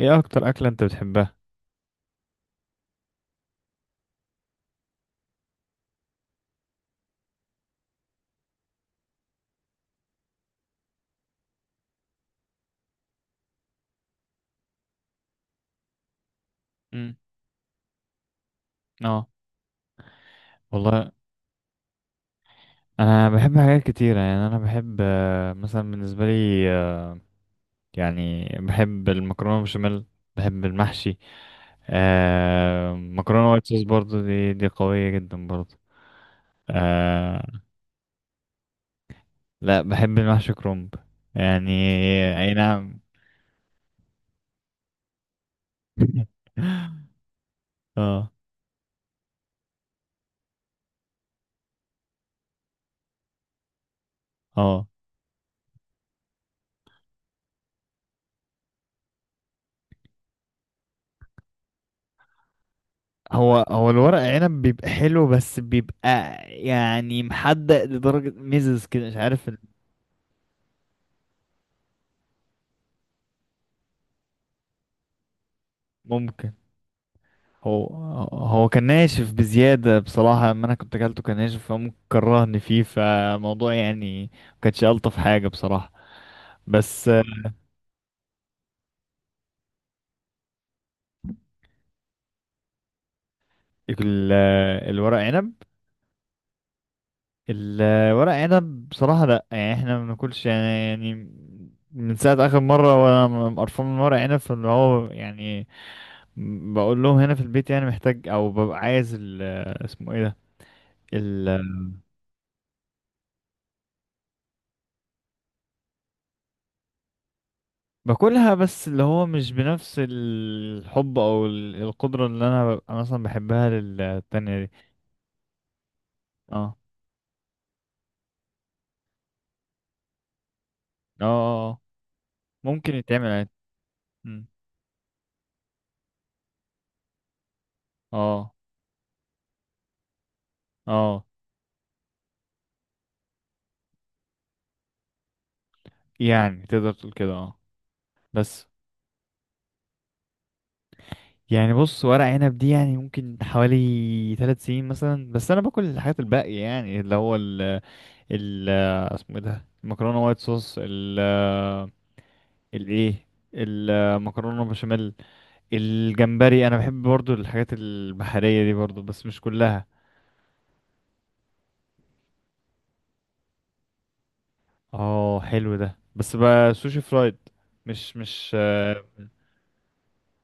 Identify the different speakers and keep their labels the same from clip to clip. Speaker 1: ايه اكتر اكلة انت بتحبها؟ امم. اه. والله. انا بحب حاجات كتيرة، يعني انا بحب، مثلا بالنسبة لي، يعني بحب المكرونة بشاميل. بحب المحشي. مكرونة وايت صوص برضو، دي قوية جدا برضو. آه لا، بحب المحشي كرنب، يعني. اي نعم. اه، اه. هو الورق عنب بيبقى حلو، بس بيبقى يعني محدق لدرجة ميزز كده، مش عارف. ممكن. هو هو كان ناشف بزيادة بصراحة، اما انا كنت اكلته كان ناشف، فممكن كرهني فيه، فموضوع يعني ما كانش الطف حاجة بصراحة. بس، ال- آه، الورق عنب الورق عنب بصراحة لا، يعني احنا ما بناكلش يعني، من ساعة آخر مرة وأنا قرفان من ورق عنب، فاللي هو يعني بقول لهم هنا في البيت يعني محتاج، أو ببقى عايز اسمه ايه ده. باكلها، بس اللي هو مش بنفس الحب او القدرة اللي انا ببقى مثلا بحبها للتانية دي. اه، اه، اه. آه. ممكن يتعمل عادي. مم. اه، اه، يعني تقدر تقول كده، اه. بس يعني بص، ورق عنب دي يعني ممكن حوالي 3 سنين مثلا، بس انا باكل الحاجات الباقية يعني اللي هو ال اسمه ايه ده، المكرونة وايت صوص، الايه، المكرونة بشاميل. الجمبري، انا بحب برضو الحاجات البحرية دي برضو، بس مش كلها. اه، حلو ده، بس بقى سوشي فرايد، مش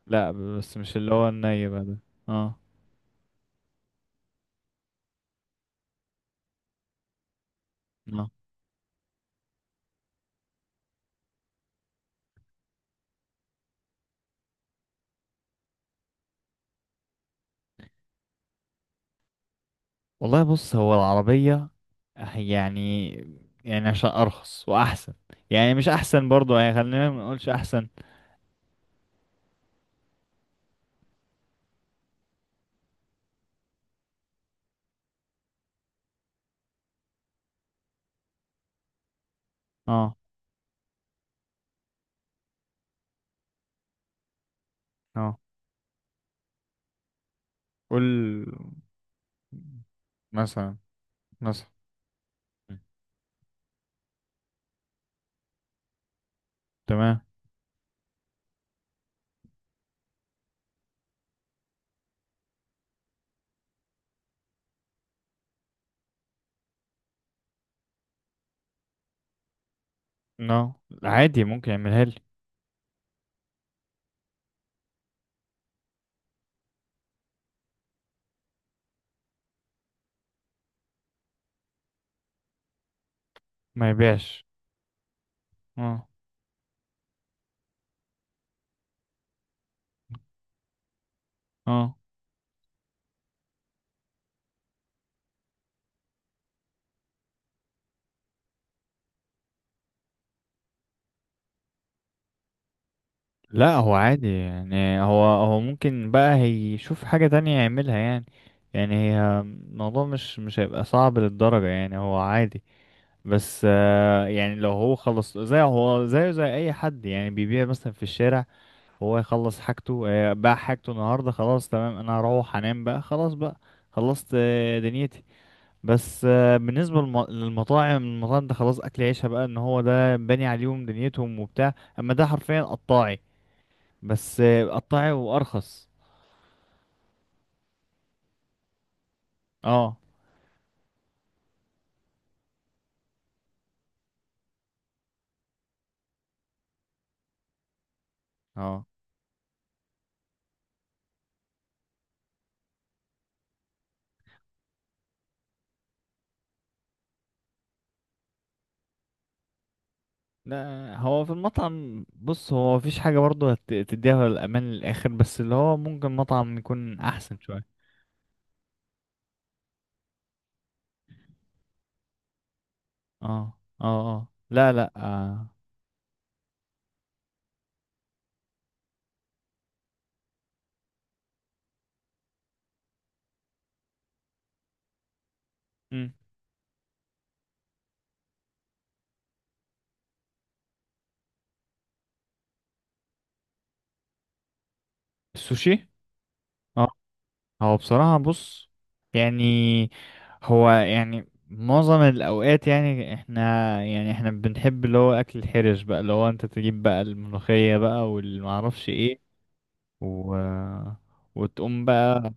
Speaker 1: لا، بس مش اللي هو الني بقى ده. اه، اه، والله، بص، هو العربية، يعني، يعني عشان ارخص واحسن، يعني مش احسن برضو، يعني خلينا ما نقولش احسن. اه، اه. قول. مثلا، مثلا. م. تمام. نو، عادي، ممكن يعملها لي. ما يبيعش. اه، اه. لا هو عادي يعني، هو ممكن بقى هيشوف حاجة تانية يعملها يعني. يعني هي الموضوع مش هيبقى صعب للدرجة، يعني هو عادي. بس، يعني لو هو خلص، زي هو زيه زي أي حد يعني بيبيع مثلا في الشارع، هو يخلص حاجته، باع حاجته النهاردة، خلاص، تمام، أنا هروح أنام بقى، خلاص بقى، خلصت دنيتي. بس، بالنسبة للمطاعم، المطاعم ده خلاص أكل عيشها بقى، إن هو ده باني عليهم دنيتهم وبتاع، أما ده حرفيا قطاعي. بس قطعي وارخص. اه، اه. لا هو في المطعم، بص هو مفيش حاجه برضه تديها الامان للاخر، بس اللي هو ممكن مطعم يكون احسن شويه. اه، اه، اه، لا، لا. آه. مم. السوشي. اه، هو بصراحه، بص يعني هو يعني معظم الاوقات يعني احنا يعني احنا بنحب اللي هو اكل الحرش بقى، اللي هو انت تجيب بقى الملوخيه بقى والمعرفش ايه و... وتقوم بقى.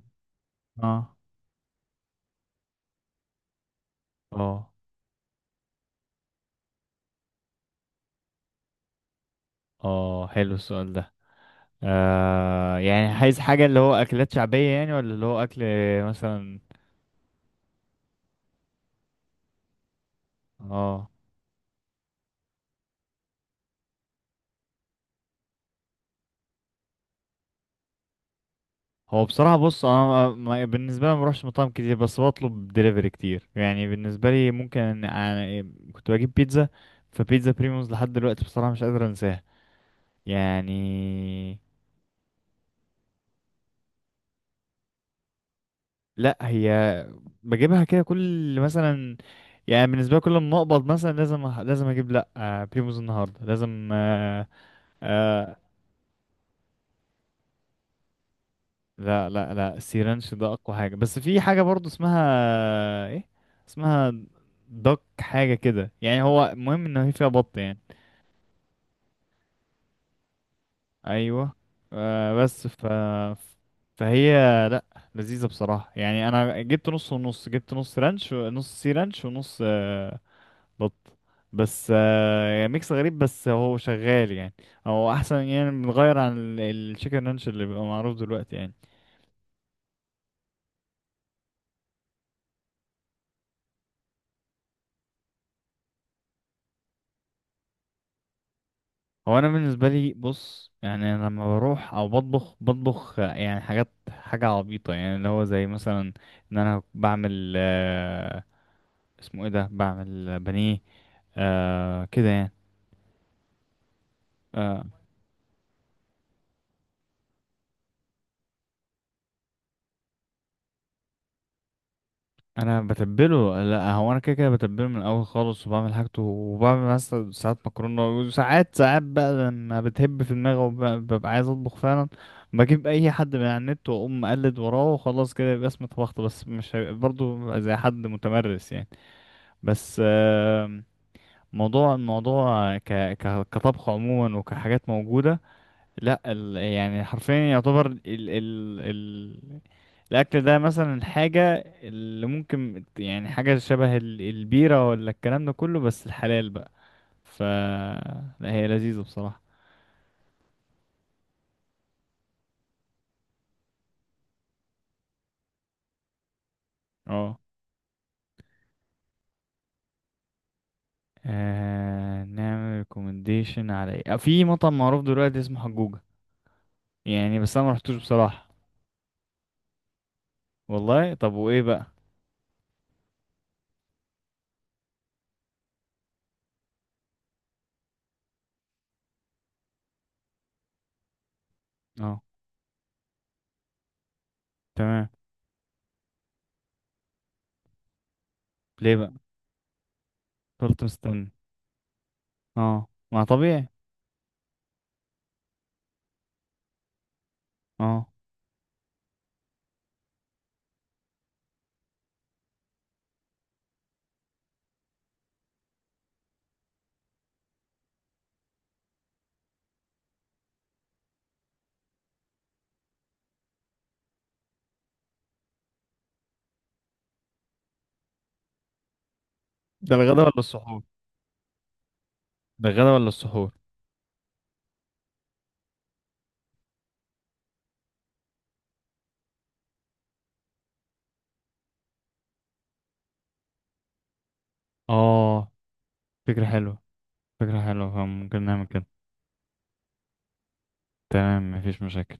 Speaker 1: اه، اه، اه، حلو السؤال ده. يعني عايز حاجة اللي هو أكلات شعبية يعني، ولا اللي هو أكل مثلا؟ اه، هو بصراحة، بص، أنا بالنسبة لي ما بروحش مطاعم كتير، بس بطلب دليفري كتير، يعني بالنسبة لي ممكن أنا كنت بجيب بيتزا، فبيتزا بريموز لحد دلوقتي بصراحة مش قادر أنساها يعني. لا هي بجيبها كده كل، مثلا، يعني بالنسبة لي كل ما أقبض مثلا لازم لازم أجيب، لا، بريموز النهاردة، لازم، آه، لا، لا، لا، السيرانش ده اقوى حاجه، بس في حاجه برضو اسمها ايه، اسمها دك، حاجه كده يعني، هو المهم ان هي فيها بط يعني. ايوه، بس، فهي لا، لذيذه بصراحه، يعني انا جبت نص ونص، جبت نص رانش، نص سي رانش، ونص بط. بس، يعني ميكس غريب، بس هو شغال يعني، هو احسن، يعني بنغير عن الشيكن رانش اللي بيبقى معروف دلوقتي يعني. هو انا بالنسبه لي، بص يعني انا لما بروح او بطبخ، يعني حاجات، حاجه عبيطه يعني اللي هو زي مثلا، ان انا بعمل، اسمه ايه ده، بعمل بانيه كده يعني. آه انا بتبله، لا هو انا كده كده بتبله من الاول خالص، وبعمل حاجته، وبعمل مثلا ساعات مكرونه، وساعات ساعات بقى لما بتهب في دماغي وببقى عايز اطبخ فعلا، بجيب اي حد من على النت واقوم اقلد وراه، وخلاص كده يبقى اسمي طبخت، بس مش هيبقى برضه زي حد متمرس يعني. بس، موضوع الموضوع كطبخ عموما، وكحاجات موجودة، لا يعني حرفيا يعتبر الأكل ده مثلا حاجة اللي ممكن يعني، حاجة شبه البيرة ولا الكلام ده كله، بس الحلال بقى. ف لا، هي لذيذة بصراحة. اه، نعمل ريكومنديشن على ايه؟ في مطعم معروف دلوقتي اسمه حجوجة، يعني بس انا ما رحتوش بصراحة. والله، طب وايه بقى؟ اه، تمام. ليه بقى؟ فضلت مستني. اه، ما طبيعي. اه، ده الغدا ولا السحور؟ ده الغدا ولا السحور؟ اه، فكرة حلوة، فكرة حلوة، فممكن نعمل كده. تمام، مفيش مشاكل.